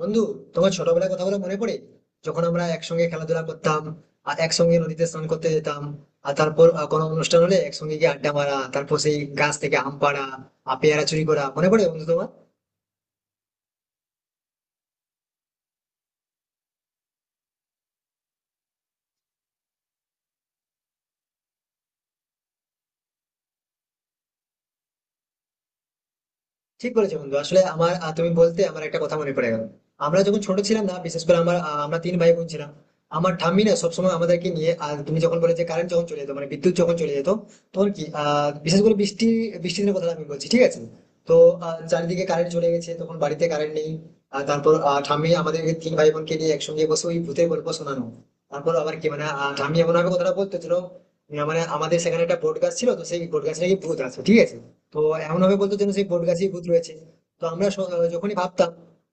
বন্ধু, তোমার ছোটবেলার কথাগুলো মনে পড়ে যখন আমরা একসঙ্গে খেলাধুলা করতাম আর একসঙ্গে নদীতে স্নান করতে যেতাম? আর তারপর কোনো অনুষ্ঠান হলে একসঙ্গে গিয়ে আড্ডা মারা, তারপর সেই গাছ থেকে আম পাড়া আর পেয়ারা চুরি করা মনে পড়ে বন্ধু তোমার? ঠিক বলেছো বন্ধু। আসলে আমার তুমি বলতে আমার একটা কথা মনে পড়ে গেল। আমরা যখন ছোট ছিলাম না, বিশেষ করে আমার আমরা তিন ভাই বোন ছিলাম। আমার ঠাম্মি না সবসময় আমাদেরকে নিয়ে, আর তুমি যখন বলে যে কারেন্ট যখন চলে যেত মানে বিদ্যুৎ যখন চলে যেত, তখন কি বিশেষ করে বৃষ্টি, বৃষ্টির দিনের কথা আমি বলছি ঠিক আছে। তো চারিদিকে কারেন্ট চলে গেছে, তখন বাড়িতে কারেন্ট নেই। আর তারপর ঠাম্মি আমাদেরকে তিন ভাই বোনকে নিয়ে একসঙ্গে বসে ওই ভূতের গল্প শোনানো। তারপর আবার কি মানে ঠাম্মি এমন ভাবে কথাটা বলতেছিল, মানে আমাদের সেখানে একটা বট গাছ ছিল, তো সেই বট গাছে নাকি ভূত আছে ঠিক আছে। তো এমন ভাবে বলতো যেন সেই বট গাছেই ভূত রয়েছে। তো আমরা যখনই ভাবতাম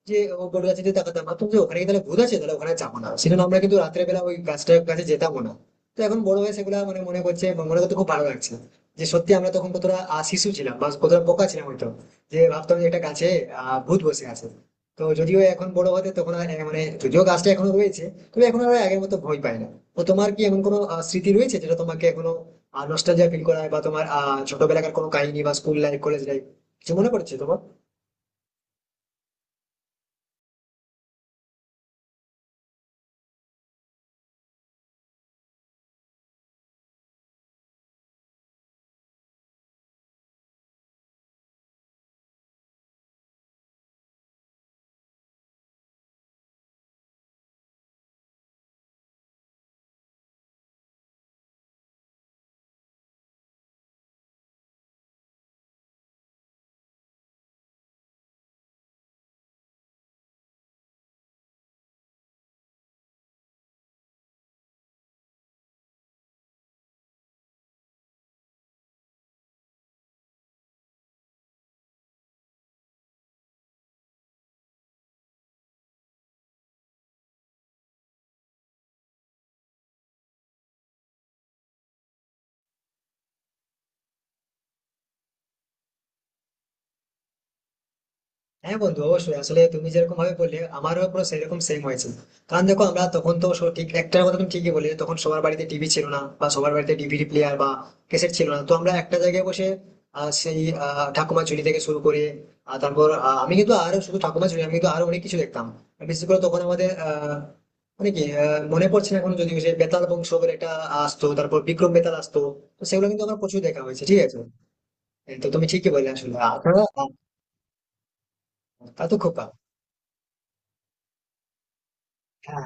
যে ও বট গাছে যদি তাকাতাম, ভাবতাম যে ওখানে কি তাহলে ভূত আছে, তাহলে ওখানে যাবো না, সেজন্য আমরা কিন্তু রাত্রে বেলা ওই গাছটার কাছে যেতাম না। তো এখন বড় হয়ে সেগুলা মানে মনে করছে এবং মনে করতে খুব ভালো লাগছে যে সত্যি আমরা তখন কতটা শিশু ছিলাম বা কতটা বোকা ছিলাম হয়তো, যে ভাবতাম যে একটা গাছে ভূত বসে আছে। তো যদিও এখন বড় হতে তখন আর, মানে যদিও গাছটা এখনো রয়েছে, তবে এখন আর আগের মতো ভয় পাই না। তো তোমার কি এমন কোনো স্মৃতি রয়েছে যেটা তোমাকে এখনো আর নস্টালজিয়া ফিল করায়, বা তোমার ছোটবেলাকার কোনো কাহিনী বা স্কুল লাইফ, কলেজ লাইফ কিছু মনে পড়ছে তোমার? হ্যাঁ বন্ধু অবশ্যই। আসলে তুমি যেরকম ভাবে বললে আমারও পুরো সেরকম সেম হয়েছে। কারণ দেখো আমরা তখন তো সব ঠিক একটার কথা তুমি ঠিকই বললে, তখন সবার বাড়িতে টিভি ছিল না বা সবার বাড়িতে ডিভিডি প্লেয়ার বা ক্যাসেট ছিল না। তো আমরা একটা জায়গায় বসে আহ, সেই ঠাকুমা ঝুলি থেকে শুরু করে আমি কিন্তু আরো শুধু ঠাকুমা ঝুলি আমি কিন্তু আরো অনেক কিছু দেখতাম। আর বিশেষ করে তখন আমাদের আহ মানে কি আহ, মনে পড়ছে না এখন, যদি সেই বেতাল বংশ বলে একটা আসতো, তারপর বিক্রম বেতাল আসতো, তো সেগুলো কিন্তু আমার প্রচুর দেখা হয়েছে ঠিক আছে। হ্যাঁ, তো তুমি ঠিকই বললে আসলে। আর তাছাড়া তা তো খোকা। হ্যাঁ,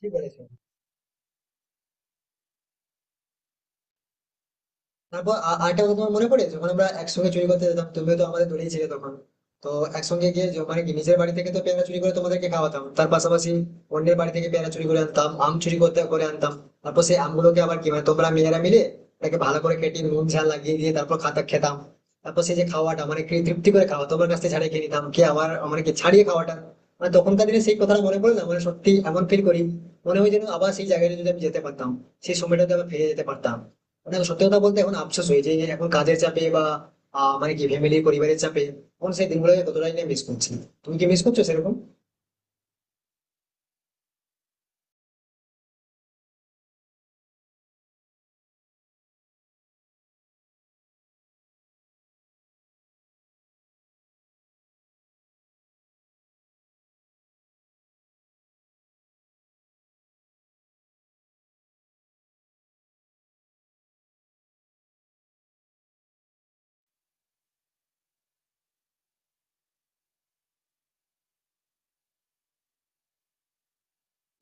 ঠিক বলেছো। তারপর আরেকটা কথা তোমার মনে পড়ে যখন আমরা একসঙ্গে চুরি করতে যেতাম, তুমিও তো আমাদের দড়িয়ে ছিলে তখন। তো একসঙ্গে গিয়ে মানে কি নিজের বাড়ি থেকে তো পেয়ারা চুরি করে তোমাদেরকে খাওয়াতাম, তার পাশাপাশি অন্যের বাড়ি থেকে পেয়ারা চুরি করে আনতাম, আম চুরি করতে করে আনতাম। তারপর সেই আমগুলোকে আবার কি মানে তোমরা মেয়েরা মিলে তাকে ভালো করে কেটে নুন ঝাল লাগিয়ে দিয়ে তারপর খাতা খেতাম। তারপর সেই যে খাওয়াটা মানে কি তৃপ্তি করে খাওয়া তোমার কাছ থেকে ছাড়িয়ে খেয়ে নিতাম কি আমার মানে কি ছাড়িয়ে খাওয়াটা, মানে তখনকার দিনে সেই কথাটা মনে পড়ে না মানে সত্যি এমন ফিল করি। মনে হয় যেন আবার সেই জায়গাটা যদি আমি যেতে পারতাম, সেই সময়টাতে আবার ফিরে যেতে পারতাম। মানে দেখো সত্যি কথা বলতে এখন আফসোস হয়েছে যে এখন কাজের চাপে বা মানে কি ফ্যামিলি পরিবারের চাপে এখন সেই দিনগুলো কতটাই না মিস করছি। তুমি কি মিস করছো সেরকম?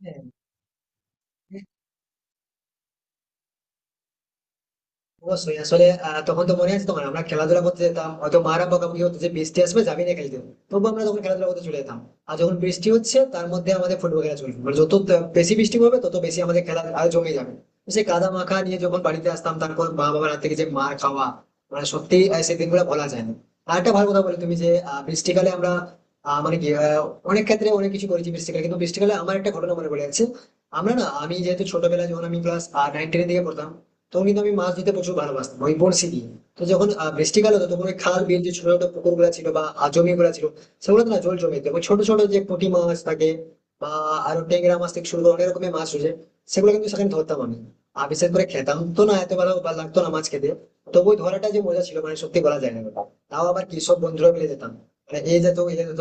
হ্যাঁ, অবশ্যই। আসলে তখন তো মনে আছে তখন আমরা খেলাধুলা করতে যেতাম, হয়তো মারা বকাবকি হতো যে বৃষ্টি আসবে যাবি না খেলতে, তবু আমরা তখন খেলাধুলা করতে চলে যেতাম। আর যখন বৃষ্টি হচ্ছে তার মধ্যে আমাদের ফুটবল খেলা চলবে, মানে যত বেশি বৃষ্টি হবে তত বেশি আমাদের খেলা আর জমে যাবে। তো সেই কাদা মাখা নিয়ে যখন বাড়িতে আসতাম, তারপর মা বাবার হাত থেকে যে মার খাওয়া, মানে সত্যি সেই দিনগুলো বলা যায় না। আর একটা ভালো কথা বলে তুমি যে বৃষ্টিকালে আমরা আহ, মানে কি আহ, অনেক ক্ষেত্রে অনেক কিছু করেছি বৃষ্টিকালে, কিন্তু বৃষ্টিকালে আমার একটা ঘটনা মনে পড়ে যাচ্ছে। আমরা না আমি যেহেতু ছোটবেলায় যখন আমি ক্লাস নাইন টেনের দিকে পড়তাম, তখন কিন্তু আমি মাছ ধরতে প্রচুর ভালোবাসতাম ওই বড়শি দিয়ে। তো যখন বৃষ্টিকাল হতো তখন ওই খাল বিল, যে ছোট ছোট পুকুর গুলা ছিল বা জমি গুলা ছিল সেগুলো না জল জমে যেত, ওই ছোট ছোট যে পুঁটি মাছ থাকে বা আরো ট্যাংরা মাছ থেকে শুরু করে অনেক রকমের মাছ রয়েছে সেগুলো কিন্তু সেখানে ধরতাম আমি। আর বিশেষ করে খেতাম তো না, এত ভালো ভালো লাগতো না মাছ খেতে, তবু ওই ধরাটা যে মজা ছিল মানে সত্যি বলা যায় না ওটা। তাও আবার কি সব বন্ধুরা মিলে যেতাম, মানে এই যেত এই যেত,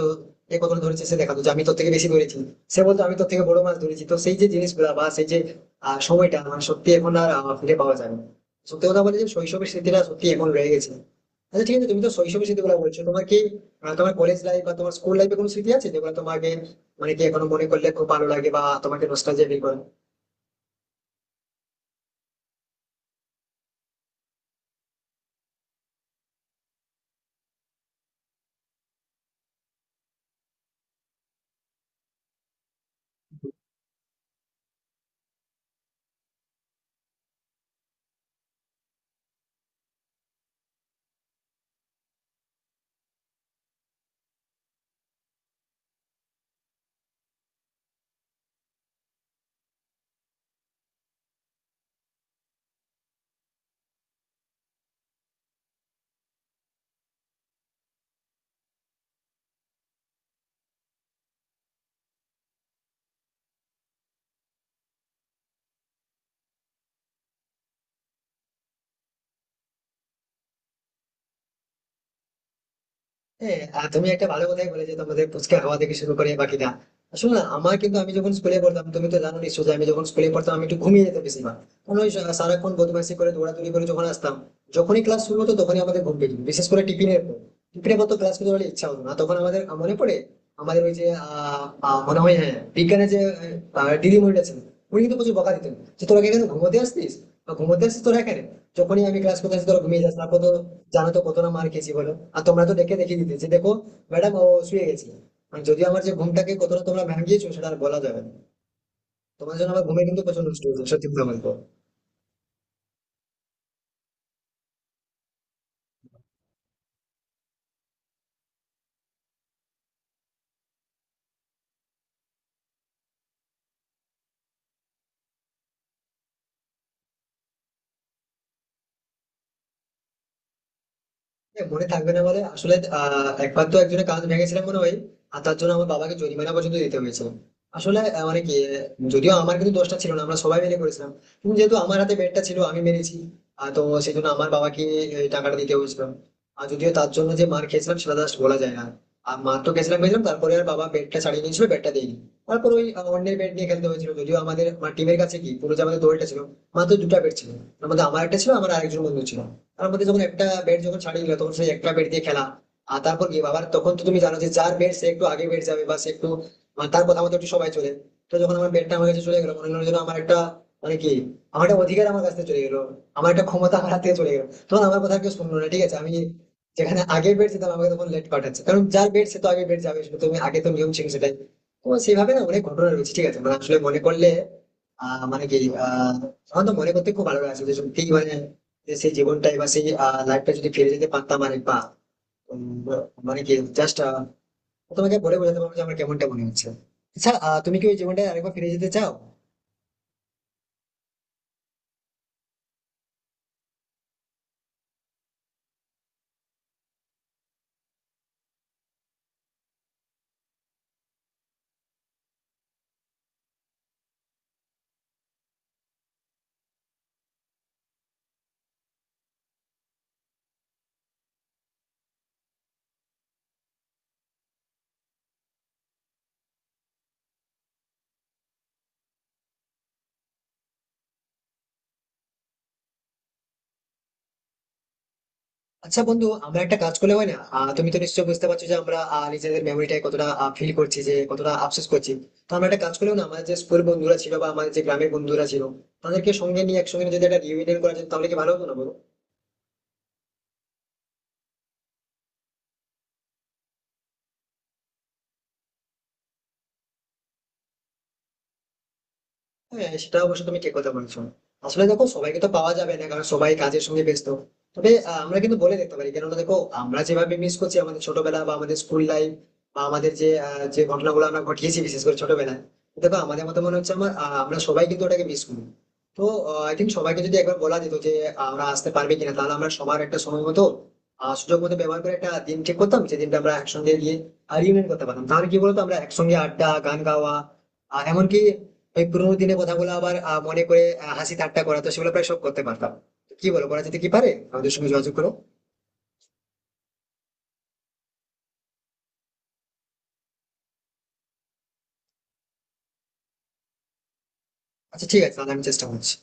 এ কত ধরেছে সে দেখাতো যে আমি তোর থেকে বেশি ধরেছি, সে বলতো আমি তোর থেকে বড় মাছ ধরেছি। তো সেই যে জিনিসগুলা বা সেই যে সময়টা, মানে সত্যি এখন আর ফিরে পাওয়া যায় না। সত্যি কথা বলে যে শৈশবের স্মৃতিটা সত্যি এখন রয়ে গেছে। আচ্ছা ঠিক আছে, তুমি তো শৈশবের স্মৃতিগুলো বলছো, তোমার কি তোমার কলেজ লাইফ বা তোমার স্কুল লাইফে কোনো স্মৃতি আছে যেগুলো তোমাকে মানে কি এখনো মনে করলে খুব ভালো লাগে বা তোমাকে নস্টালজিয়া ফিল করে? হ্যাঁ। আর তুমি একটা ভালো কথাই বলে যে তোমাদের পুচকে হাওয়া থেকে শুরু করে বাকিটা, আসলে না, আমার কিন্তু আমি যখন স্কুলে পড়তাম, তুমি তো জানো নিশ্চয় যে আমি যখন স্কুলে পড়তাম আমি একটু ঘুমিয়ে যেতাম বেশিরভাগ, কারণ ওই সারাক্ষণ বদমাইশি করে দৌড়াদৌড়ি করে যখন আসতাম, যখনই ক্লাস শুরু হতো তখনই আমাদের ঘুম পেয়ে যেত। বিশেষ করে টিফিনের পর, টিফিনের পর তো ক্লাস করতে পারলে ইচ্ছা হতো না তখন আমাদের মনে পড়ে। আমাদের ওই যে আহ, আহ, মনে হয় হ্যাঁ বিজ্ঞানের যে দিদিমণিটা ছিল, উনি কিন্তু প্রচুর বকা দিতেন যে তোরা কি এখানে ঘুমোতে আসতিস বা ঘুমোতে আসতিস তোরা এখানে, যখনই আমি ক্লাস করতে আসি তোরা ঘুমিয়ে যাস। তারপর তো জানো তো কত না মার খেয়েছি বলো। আর তোমরা তো ডেকে দেখিয়ে দিতে যে দেখো ম্যাডাম ও শুয়ে গেছে। আর যদিও আমার যে ঘুমটাকে কতটা তোমরা ভাঙিয়েছো সেটা আর বলা যাবে না, তোমার জন্য আমার ঘুমে কিন্তু প্রচুর নষ্ট হয়েছে সত্যি কথা বলবো। হ্যাঁ, মনে থাকবে না বলে আসলে। একবার তো একজনের কাজ ভেঙেছিলাম মনে হয়, আর তার জন্য আমার বাবাকে জরিমানা পর্যন্ত দিতে হয়েছে। আসলে আহ, মানে কি আহ, যদিও আমার কিন্তু দোষটা ছিল না, আমরা সবাই মিলে করেছিলাম, কিন্তু যেহেতু আমার হাতে ব্যাটটা ছিল আমি মেরেছি, আর তো সেই জন্য আমার বাবাকে এই টাকাটা দিতে হয়েছিল। আর যদিও তার জন্য যে মার খেয়েছিলাম সেটা জাস্ট বলা যায় না। আর মার তো খেয়েছিলাম খেয়েছিলাম, তারপরে আর বাবা ব্যাটটা ছাড়িয়ে নিয়েছিল, ব্যাটটা দেয়নি। তারপর ওই অন্যের ব্যাট নিয়ে খেলতে হয়েছিল, যদিও আমাদের আমার টিমের কাছে কি পুরো যে আমাদের দলটা ছিল মাত্র দুটো ব্যাট ছিল। তার মধ্যে আমার একটা ছিল, আমার আরেকজন বন্ধু ছিল, তার মধ্যে যখন একটা ব্যাট যখন ছাড়িয়ে নিল তখন সেই একটা ব্যাট দিয়ে খেলা। আর তারপর কি বাবার তখন তো তুমি জানো যে যার ব্যাট সে একটু আগে ব্যাট যাবে, বা সে একটু মানে তার কথা মতো একটু সবাই চলে। তো যখন আমার ব্যাটটা আমার কাছে চলে গেলো মনে হলো যেন আমার একটা মানে কি আমার একটা অধিকার আমার কাছ থেকে চলে গেলো, আমার একটা ক্ষমতা আমার হাত থেকে চলে গেলো, তখন আমার কথা কেউ শুনলো না ঠিক আছে। আমি যেখানে আগে বেড যেতাম আমাকে তখন লেট পাঠাচ্ছে, কারণ যার বেড সে তো আগে বেড যাবে, শুধু তুমি আগে, তো নিয়ম ছিল সেটাই। তো সেভাবে না অনেক ঘটনা রয়েছে ঠিক আছে, মানে আসলে মনে করলে আহ মানে কি আহ আমার তো মনে করতে খুব ভালো লাগছে যে সত্যি মানে, যে সেই জীবনটাই বা সেই লাইফটা যদি ফিরে যেতে পারতাম আর বা মানে কি জাস্ট তোমাকে বলে বোঝাতে পারবো যে আমার কেমনটা মনে হচ্ছে। আচ্ছা তুমি কি ওই জীবনটায় আরেকবার ফিরে যেতে চাও? আচ্ছা বন্ধু, আমরা একটা কাজ করলে হয় না, তুমি তো নিশ্চয়ই বুঝতে পারছো যে আমরা নিজেদের মেমোরিটাই কতটা ফিল করছি, যে কতটা আফসোস করছি। তো আমরা একটা কাজ করলেও না, আমাদের যে স্কুল বন্ধুরা ছিল বা আমাদের যে গ্রামের বন্ধুরা ছিল তাদেরকে সঙ্গে নিয়ে একসঙ্গে যদি একটা রিউনিয়ন করা যেত তাহলে কি ভালো হতো না বলো? হ্যাঁ সেটা অবশ্য তুমি ঠিক কথা বলেছো। আসলে দেখো সবাইকে তো পাওয়া যাবে না কারণ সবাই কাজের সঙ্গে ব্যস্ত। তবে আমরা কিন্তু বলে দেখতে পারি, কেননা দেখো আমরা যেভাবে মিস করছি আমাদের ছোটবেলা বা আমাদের স্কুল লাইফ বা আমাদের যে যে ঘটনাগুলো আমরা ঘটিয়েছি বিশেষ করে ছোটবেলায়, দেখো আমাদের মতো মনে হচ্ছে আমার আমরা সবাই কিন্তু ওটাকে মিস করি। তো আই থিঙ্ক সবাইকে যদি একবার বলা যেত যে আমরা আসতে পারবে কিনা, তাহলে আমরা সবার একটা সময় মতো সুযোগ মতো ব্যবহার করে একটা দিন ঠিক করতাম, যে দিনটা আমরা একসঙ্গে গিয়ে রিউনিয়ন করতে পারতাম। তাহলে কি বলতো আমরা একসঙ্গে আড্ডা, গান গাওয়া, এমনকি ওই পুরোনো দিনে কথাগুলো আবার মনে করে হাসি ঠাট্টা করা, তো সেগুলো প্রায় সব করতে পারতাম। তো কি বলো করা যেতে কি পারে? আমাদের সঙ্গে যোগাযোগ করো। আচ্ছা ঠিক আছে, তাহলে আমি চেষ্টা করছি।